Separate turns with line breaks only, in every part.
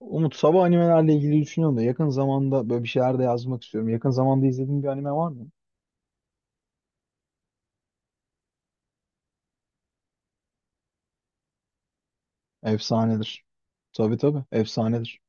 Umut sabah animelerle ilgili düşünüyorum da yakın zamanda böyle bir şeyler de yazmak istiyorum. Yakın zamanda izlediğin bir anime var mı? Efsanedir. Tabii tabii efsanedir.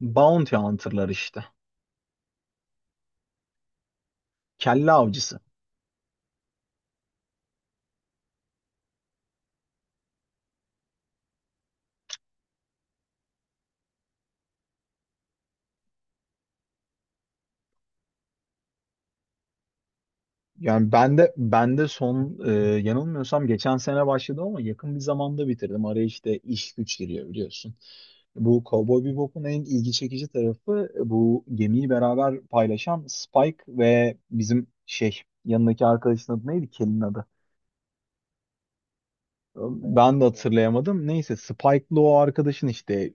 Bounty Hunter'lar işte. Kelle avcısı. Yani ben de son yanılmıyorsam geçen sene başladı ama yakın bir zamanda bitirdim. Araya işte iş güç giriyor biliyorsun. Bu Cowboy Bebop'un en ilgi çekici tarafı bu gemiyi beraber paylaşan Spike ve bizim şey yanındaki arkadaşın adı neydi? Kel'in adı. Ben de hatırlayamadım. Neyse Spike'lı o arkadaşın işte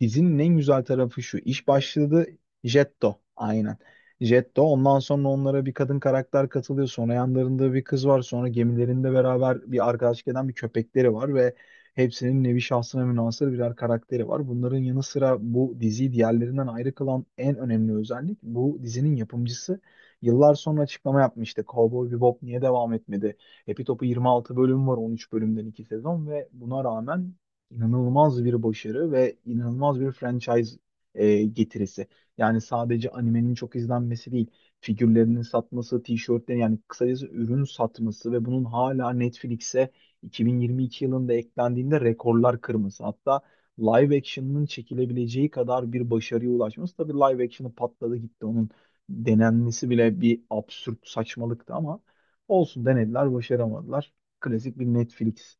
dizinin en güzel tarafı şu. İş başladı Jetto. Aynen. Jetto. Ondan sonra onlara bir kadın karakter katılıyor. Sonra yanlarında bir kız var. Sonra gemilerinde beraber bir arkadaşlık eden bir köpekleri var ve hepsinin nevi şahsına münhasır birer karakteri var. Bunların yanı sıra bu diziyi diğerlerinden ayrı kılan en önemli özellik bu dizinin yapımcısı yıllar sonra açıklama yapmıştı. Cowboy Bebop niye devam etmedi? Epi Topu 26 bölüm var, 13 bölümden 2 sezon ve buna rağmen inanılmaz bir başarı ve inanılmaz bir franchise getirisi. Yani sadece animenin çok izlenmesi değil, figürlerinin satması, tişörtlerini yani kısacası ürün satması ve bunun hala Netflix'e 2022 yılında eklendiğinde rekorlar kırması. Hatta live action'ın çekilebileceği kadar bir başarıya ulaşması. Tabii live action'ı patladı gitti. Onun denenmesi bile bir absürt saçmalıktı ama olsun denediler, başaramadılar. Klasik bir Netflix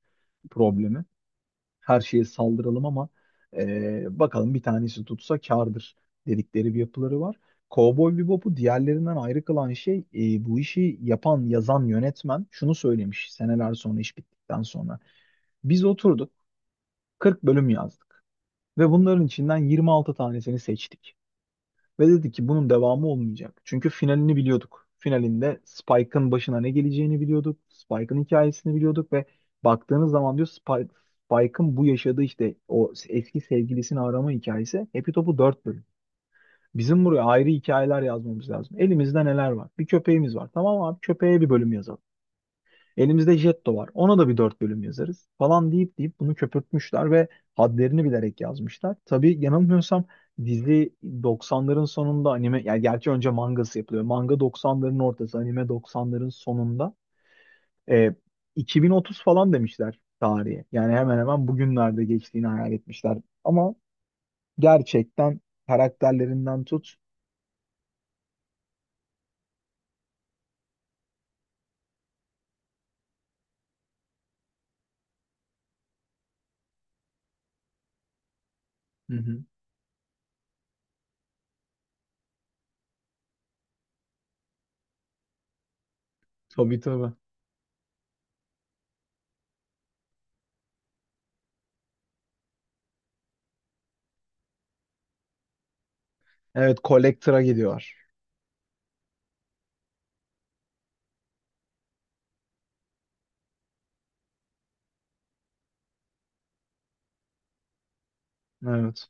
problemi. Her şeye saldıralım ama bakalım bir tanesi tutsa kârdır dedikleri bir yapıları var. Cowboy Bebop'u diğerlerinden ayrı kılan şey bu işi yapan, yazan yönetmen şunu söylemiş seneler sonra iş bittikten sonra. Biz oturduk 40 bölüm yazdık ve bunların içinden 26 tanesini seçtik. Ve dedi ki bunun devamı olmayacak. Çünkü finalini biliyorduk. Finalinde Spike'ın başına ne geleceğini biliyorduk. Spike'ın hikayesini biliyorduk ve baktığınız zaman diyor Spike, Spike'ın bu yaşadığı işte o eski sevgilisini arama hikayesi Happy Top'u 4 bölüm. Bizim buraya ayrı hikayeler yazmamız lazım. Elimizde neler var? Bir köpeğimiz var. Tamam abi köpeğe bir bölüm yazalım. Elimizde Jetto var. Ona da bir 4 bölüm yazarız falan deyip bunu köpürtmüşler ve hadlerini bilerek yazmışlar. Tabii yanılmıyorsam dizi 90'ların sonunda anime yani gerçi önce mangası yapılıyor. Manga 90'ların ortası, anime 90'ların sonunda. E, 2030 falan demişler tarihe. Yani hemen hemen bugünlerde geçtiğini hayal etmişler. Ama gerçekten karakterlerinden tut. Hı hı. Tabii tabii. Evet, Collector'a gidiyor. Evet.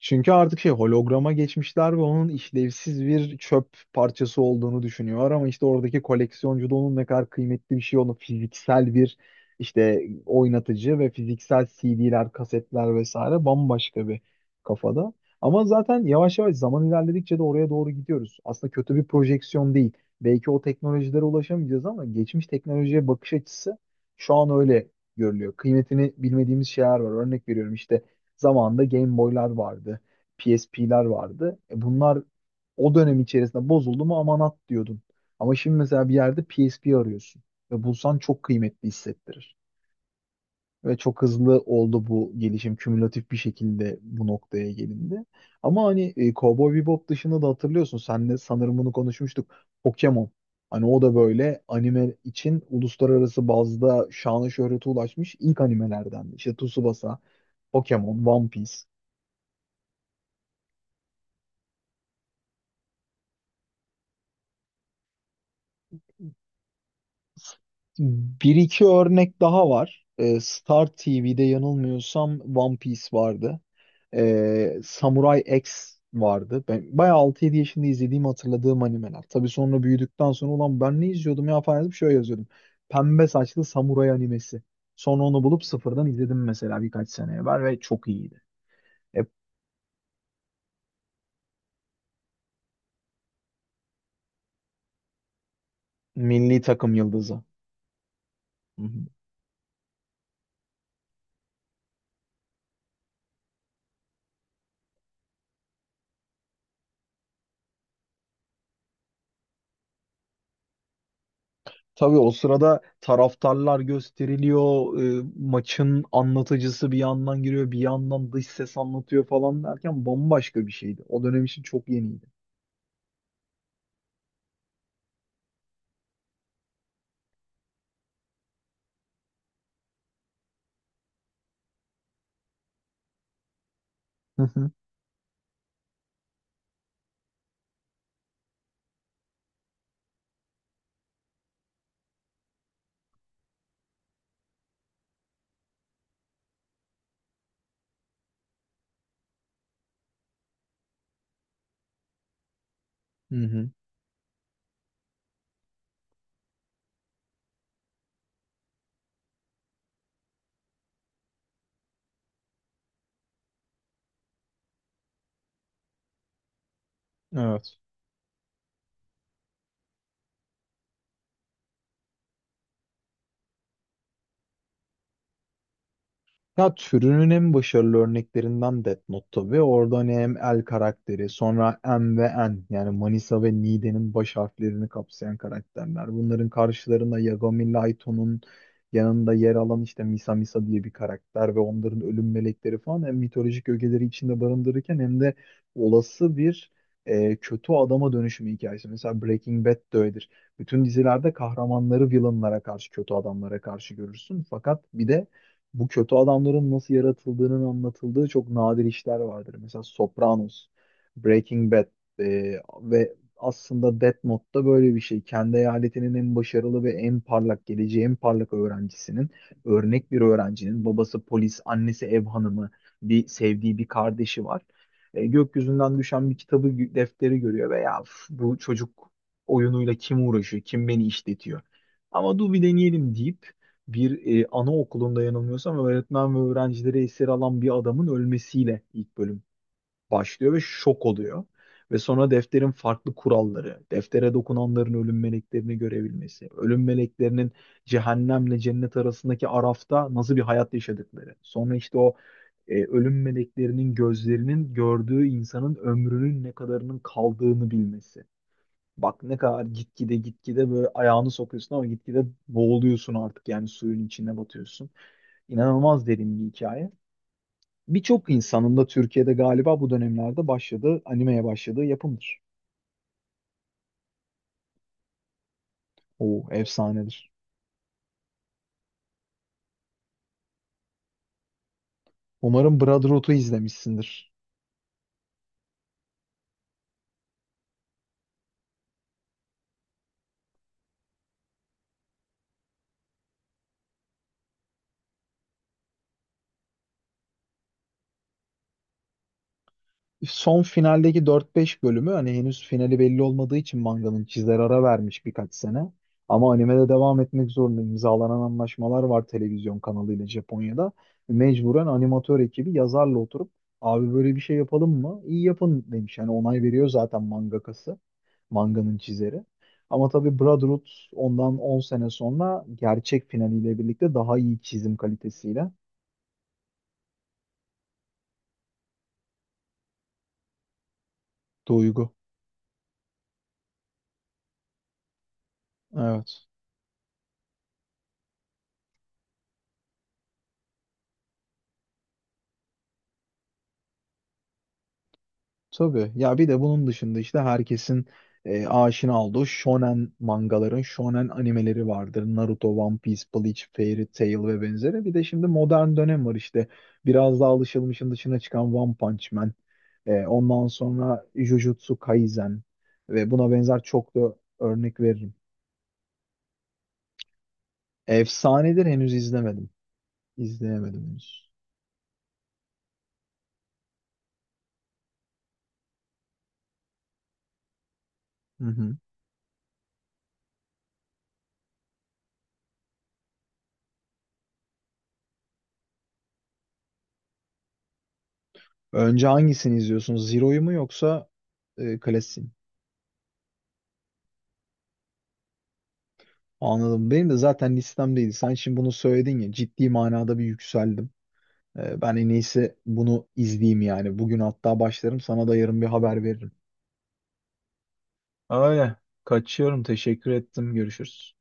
Çünkü artık şey holograma geçmişler ve onun işlevsiz bir çöp parçası olduğunu düşünüyor ama işte oradaki koleksiyoncu da onun ne kadar kıymetli bir şey olduğunu fiziksel bir işte oynatıcı ve fiziksel CD'ler, kasetler vesaire bambaşka bir kafada. Ama zaten yavaş yavaş zaman ilerledikçe de oraya doğru gidiyoruz. Aslında kötü bir projeksiyon değil. Belki o teknolojilere ulaşamayacağız ama geçmiş teknolojiye bakış açısı şu an öyle görülüyor. Kıymetini bilmediğimiz şeyler var. Örnek veriyorum işte zamanında Game Boy'lar vardı. PSP'ler vardı. E bunlar o dönem içerisinde bozuldu mu aman at diyordun. Ama şimdi mesela bir yerde PSP arıyorsun. Ve bulsan çok kıymetli hissettirir. Ve çok hızlı oldu bu gelişim. Kümülatif bir şekilde bu noktaya gelindi. Ama hani Cowboy Bebop dışında da hatırlıyorsun. Senle sanırım bunu konuşmuştuk. Pokemon. Hani o da böyle anime için uluslararası bazda şanı şöhrete ulaşmış ilk animelerden. İşte Tsubasa, Pokemon, One Piece. Bir iki örnek daha var. Star TV'de yanılmıyorsam One Piece vardı. Samurai X vardı. Ben bayağı 6-7 yaşında izlediğim hatırladığım animeler. Tabii sonra büyüdükten sonra ulan ben ne izliyordum ya falan yazıp şöyle yazıyordum. Pembe saçlı samuray animesi. Sonra onu bulup sıfırdan izledim mesela birkaç sene evvel ve çok iyiydi. Hep milli takım yıldızı. Hı hı. Tabii o sırada taraftarlar gösteriliyor, maçın anlatıcısı bir yandan giriyor, bir yandan dış ses anlatıyor falan derken bambaşka bir şeydi. O dönem için çok yeniydi. Hı hı. Hı hı. Evet. Ya türünün en başarılı örneklerinden Death Note tabii. Orada hani hem El karakteri, sonra M ve N yani Manisa ve Nide'nin baş harflerini kapsayan karakterler. Bunların karşılarında Yagami Laito'nun yanında yer alan işte Misa Misa diye bir karakter ve onların ölüm melekleri falan hem mitolojik ögeleri içinde barındırırken hem de olası bir kötü adama dönüşümü hikayesi. Mesela Breaking Bad de öyledir. Bütün dizilerde kahramanları villainlara karşı, kötü adamlara karşı görürsün. Fakat bir de bu kötü adamların nasıl yaratıldığının anlatıldığı çok nadir işler vardır. Mesela Sopranos, Breaking Bad e, ve aslında Death Note'da böyle bir şey. Kendi eyaletinin en başarılı ve en parlak geleceği, en parlak öğrencisinin, örnek bir öğrencinin babası polis, annesi ev hanımı, bir sevdiği bir kardeşi var. Gökyüzünden düşen bir kitabı defteri görüyor ve ya "Üf, bu çocuk oyunuyla kim uğraşıyor, kim beni işletiyor. Ama dur bir deneyelim deyip bir anaokulunda yanılmıyorsam öğretmen ve öğrencileri esir alan bir adamın ölmesiyle ilk bölüm başlıyor ve şok oluyor. Ve sonra defterin farklı kuralları, deftere dokunanların ölüm meleklerini görebilmesi, ölüm meleklerinin cehennemle cennet arasındaki arafta nasıl bir hayat yaşadıkları. Sonra işte o ölüm meleklerinin gözlerinin gördüğü insanın ömrünün ne kadarının kaldığını bilmesi. Bak ne kadar gitgide böyle ayağını sokuyorsun ama gitgide boğuluyorsun artık yani suyun içine batıyorsun. İnanılmaz derin bir hikaye. Birçok insanın da Türkiye'de galiba bu dönemlerde başladığı, animeye başladığı yapımdır. O efsanedir. Umarım Brotherhood'u izlemişsindir. Son finaldeki 4-5 bölümü hani henüz finali belli olmadığı için manganın çizer ara vermiş birkaç sene. Ama animede devam etmek zorunda imzalanan anlaşmalar var televizyon kanalıyla Japonya'da. Mecburen animatör ekibi yazarla oturup abi böyle bir şey yapalım mı? İyi yapın demiş. Yani onay veriyor zaten mangakası. Manganın çizeri. Ama tabii Brotherhood ondan 10 sene sonra gerçek finaliyle birlikte daha iyi çizim kalitesiyle. Duygu. Evet. Tabii. Ya bir de bunun dışında işte herkesin aşina olduğu shonen mangaların, shonen animeleri vardır. Naruto, One Piece, Bleach, Fairy Tail ve benzeri. Bir de şimdi modern dönem var işte. Biraz daha alışılmışın dışına çıkan One Punch Man. E, ondan sonra Jujutsu Kaisen ve buna benzer çok da örnek veririm. Efsanedir henüz izlemedim. İzleyemedim henüz. Hı hı. Önce hangisini izliyorsunuz? Zero'yu mu yoksa klasiği mi? Anladım. Benim de zaten listemdeydi. Sen şimdi bunu söyledin ya ciddi manada bir yükseldim. Ben en iyisi bunu izleyeyim yani. Bugün hatta başlarım sana da yarın bir haber veririm. Öyle. Kaçıyorum. Teşekkür ettim. Görüşürüz.